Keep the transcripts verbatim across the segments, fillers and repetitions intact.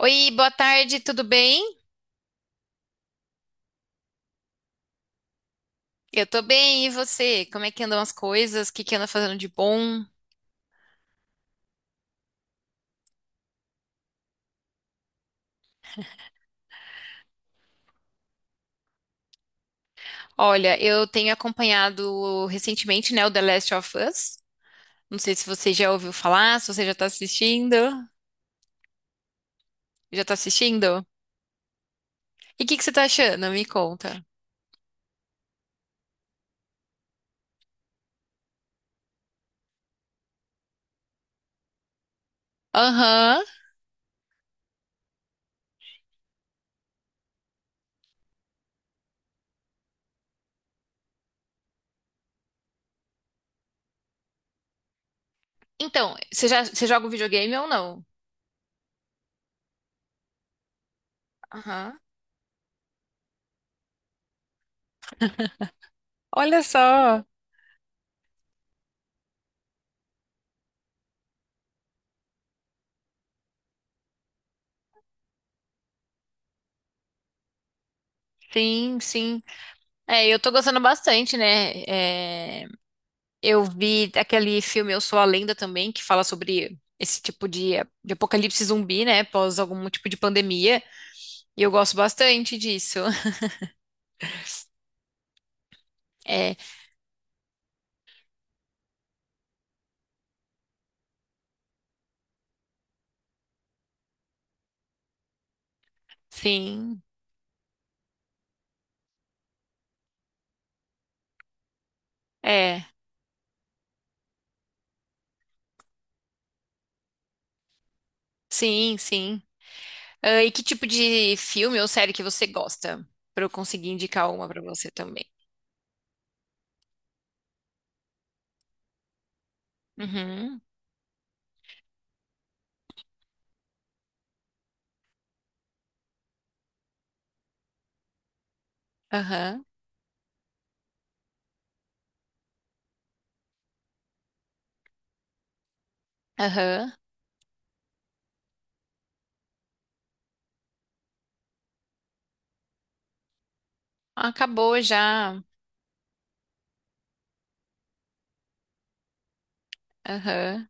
Oi, boa tarde, tudo bem? Eu tô bem, e você? Como é que andam as coisas? O que que anda fazendo de bom? Olha, eu tenho acompanhado recentemente, né, o The Last of Us. Não sei se você já ouviu falar, se você já tá assistindo. Já tá assistindo? E o que que você tá achando? Me conta. Aham. Então, você já, você joga um videogame ou não? Aham. Olha só. Sim, sim. É, eu tô gostando bastante, né? É, eu vi aquele filme Eu Sou a Lenda também, que fala sobre esse tipo de, de apocalipse zumbi, né? Após algum tipo de pandemia. E eu gosto bastante disso. É, sim. É, sim, sim. Ah, e que tipo de filme ou série que você gosta? Pra eu conseguir indicar uma pra você também. Uhum. Aham. Aham. Acabou já. Aham.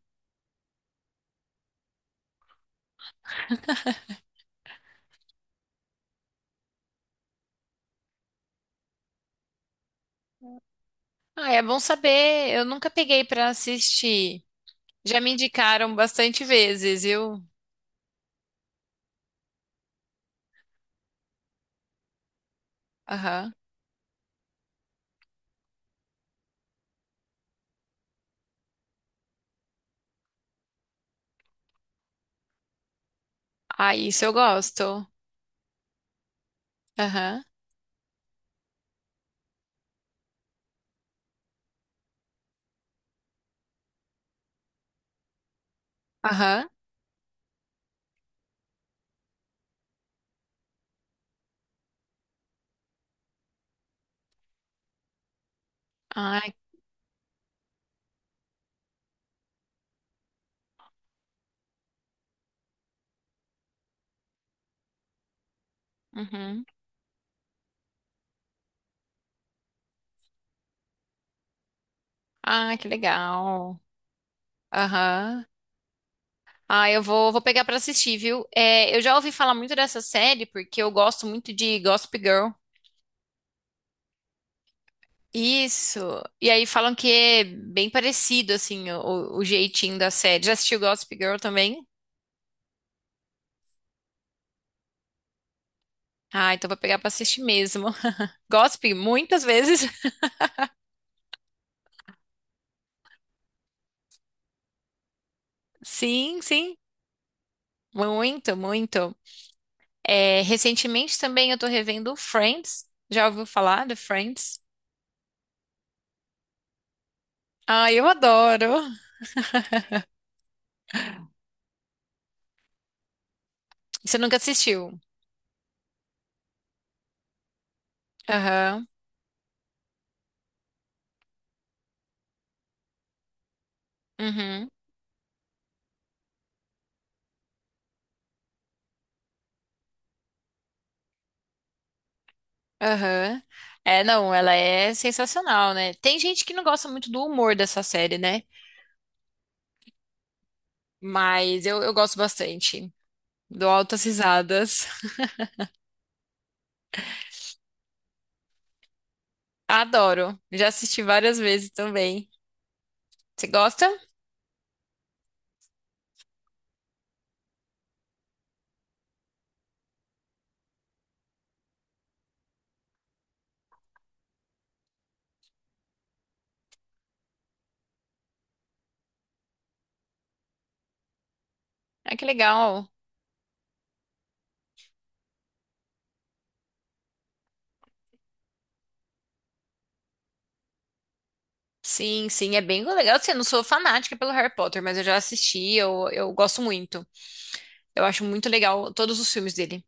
Ah, é bom saber. Eu nunca peguei pra assistir. Já me indicaram bastante vezes, viu? Aham. Ah, isso eu gosto. Aham, aham. Ai, uhum. Ah, que legal. Aham. Ah, eu vou, vou pegar pra assistir, viu? É, eu já ouvi falar muito dessa série porque eu gosto muito de Gossip Girl. Isso. E aí falam que é bem parecido, assim, o, o jeitinho da série. Já assistiu Gossip Girl também? Ah, então vou pegar pra assistir mesmo. Gossip muitas vezes. Sim, sim. Muito, muito. É, recentemente também eu tô revendo Friends. Já ouviu falar de Friends? Ah, eu adoro. Você nunca assistiu? Aham, uhum, aham. É, não, ela é sensacional, né? Tem gente que não gosta muito do humor dessa série, né? Mas eu, eu gosto bastante. Dou altas risadas. Adoro. Já assisti várias vezes também. Você gosta? Ah, que legal. Sim, sim, é bem legal. Assim, eu não sou fanática pelo Harry Potter, mas eu já assisti, eu, eu gosto muito. Eu acho muito legal todos os filmes dele.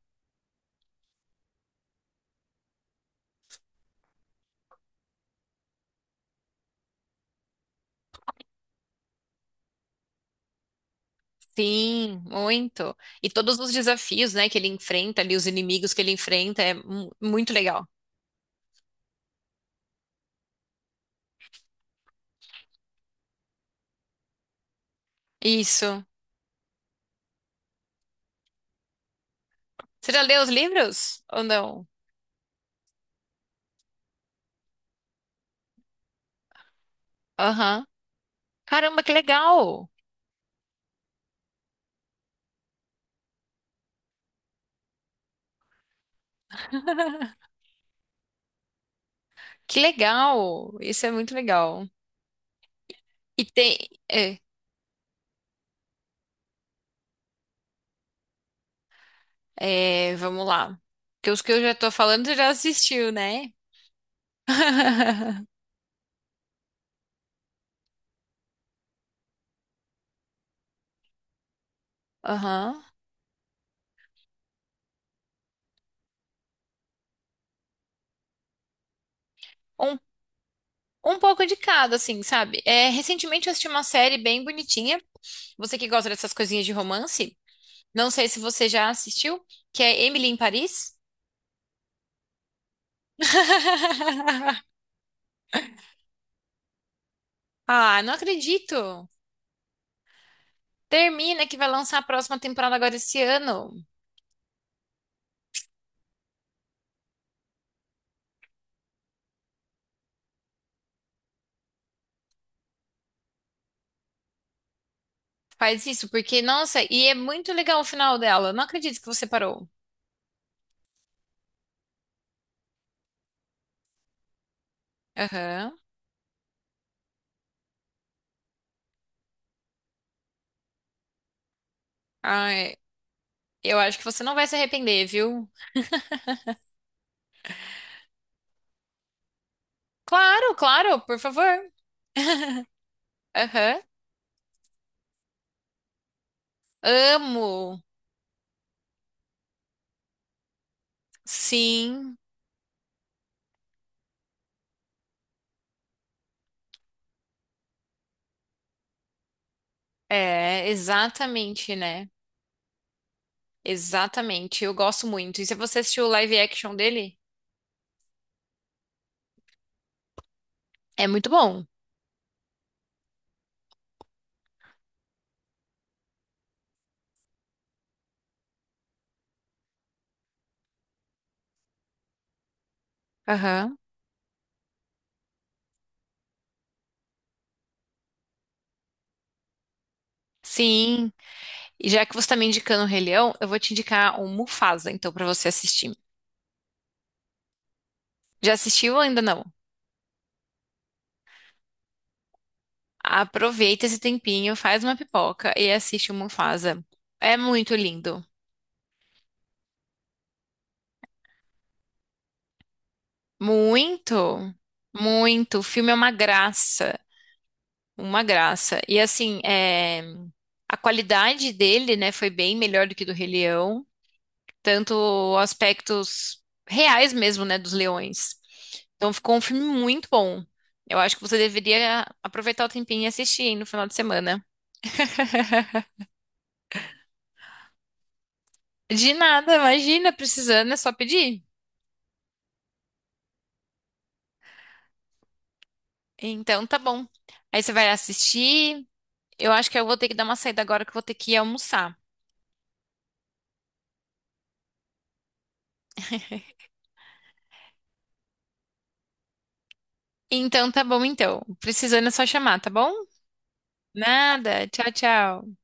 Sim, muito. E todos os desafios, né, que ele enfrenta ali, os inimigos que ele enfrenta, é mu- muito legal. Isso. Você já leu os livros? Ou não? Aham. Caramba, que legal! Que legal! Isso é muito legal. E tem. É, é, vamos lá. Porque os que eu já tô falando, você já assistiu, né? Aham. Um pouco de cada, assim, sabe? É, recentemente eu assisti uma série bem bonitinha. Você que gosta dessas coisinhas de romance, não sei se você já assistiu, que é Emily em Paris. Ah, não acredito. Termina que vai lançar a próxima temporada agora esse ano. Faz isso, porque, nossa, e é muito legal o final dela. Não acredito que você parou. Aham. Ai, eu acho que você não vai se arrepender, viu? Claro, claro, por favor. Aham. Amo. Sim. É, exatamente, né? Exatamente. Eu gosto muito. E se você assistiu o live action dele, é muito bom. Aham. Sim. E já que você tá me indicando o Rei Leão, eu vou te indicar o Mufasa, então, pra você assistir. Já assistiu ou ainda não? Aproveita esse tempinho, faz uma pipoca e assiste o Mufasa. É muito lindo. Muito, muito. O filme é uma graça. Uma graça. E assim, é... A qualidade dele, né, foi bem melhor do que do Rei Leão, tanto aspectos reais mesmo, né, dos leões. Então ficou um filme muito bom. Eu acho que você deveria aproveitar o tempinho e assistir hein, no final de semana. De nada, imagina, precisando, é só pedir. Então tá bom. Aí você vai assistir. Eu acho que eu vou ter que dar uma saída agora que eu vou ter que ir almoçar. Então tá bom, então. Precisando é só chamar, tá bom? Nada. Tchau, tchau.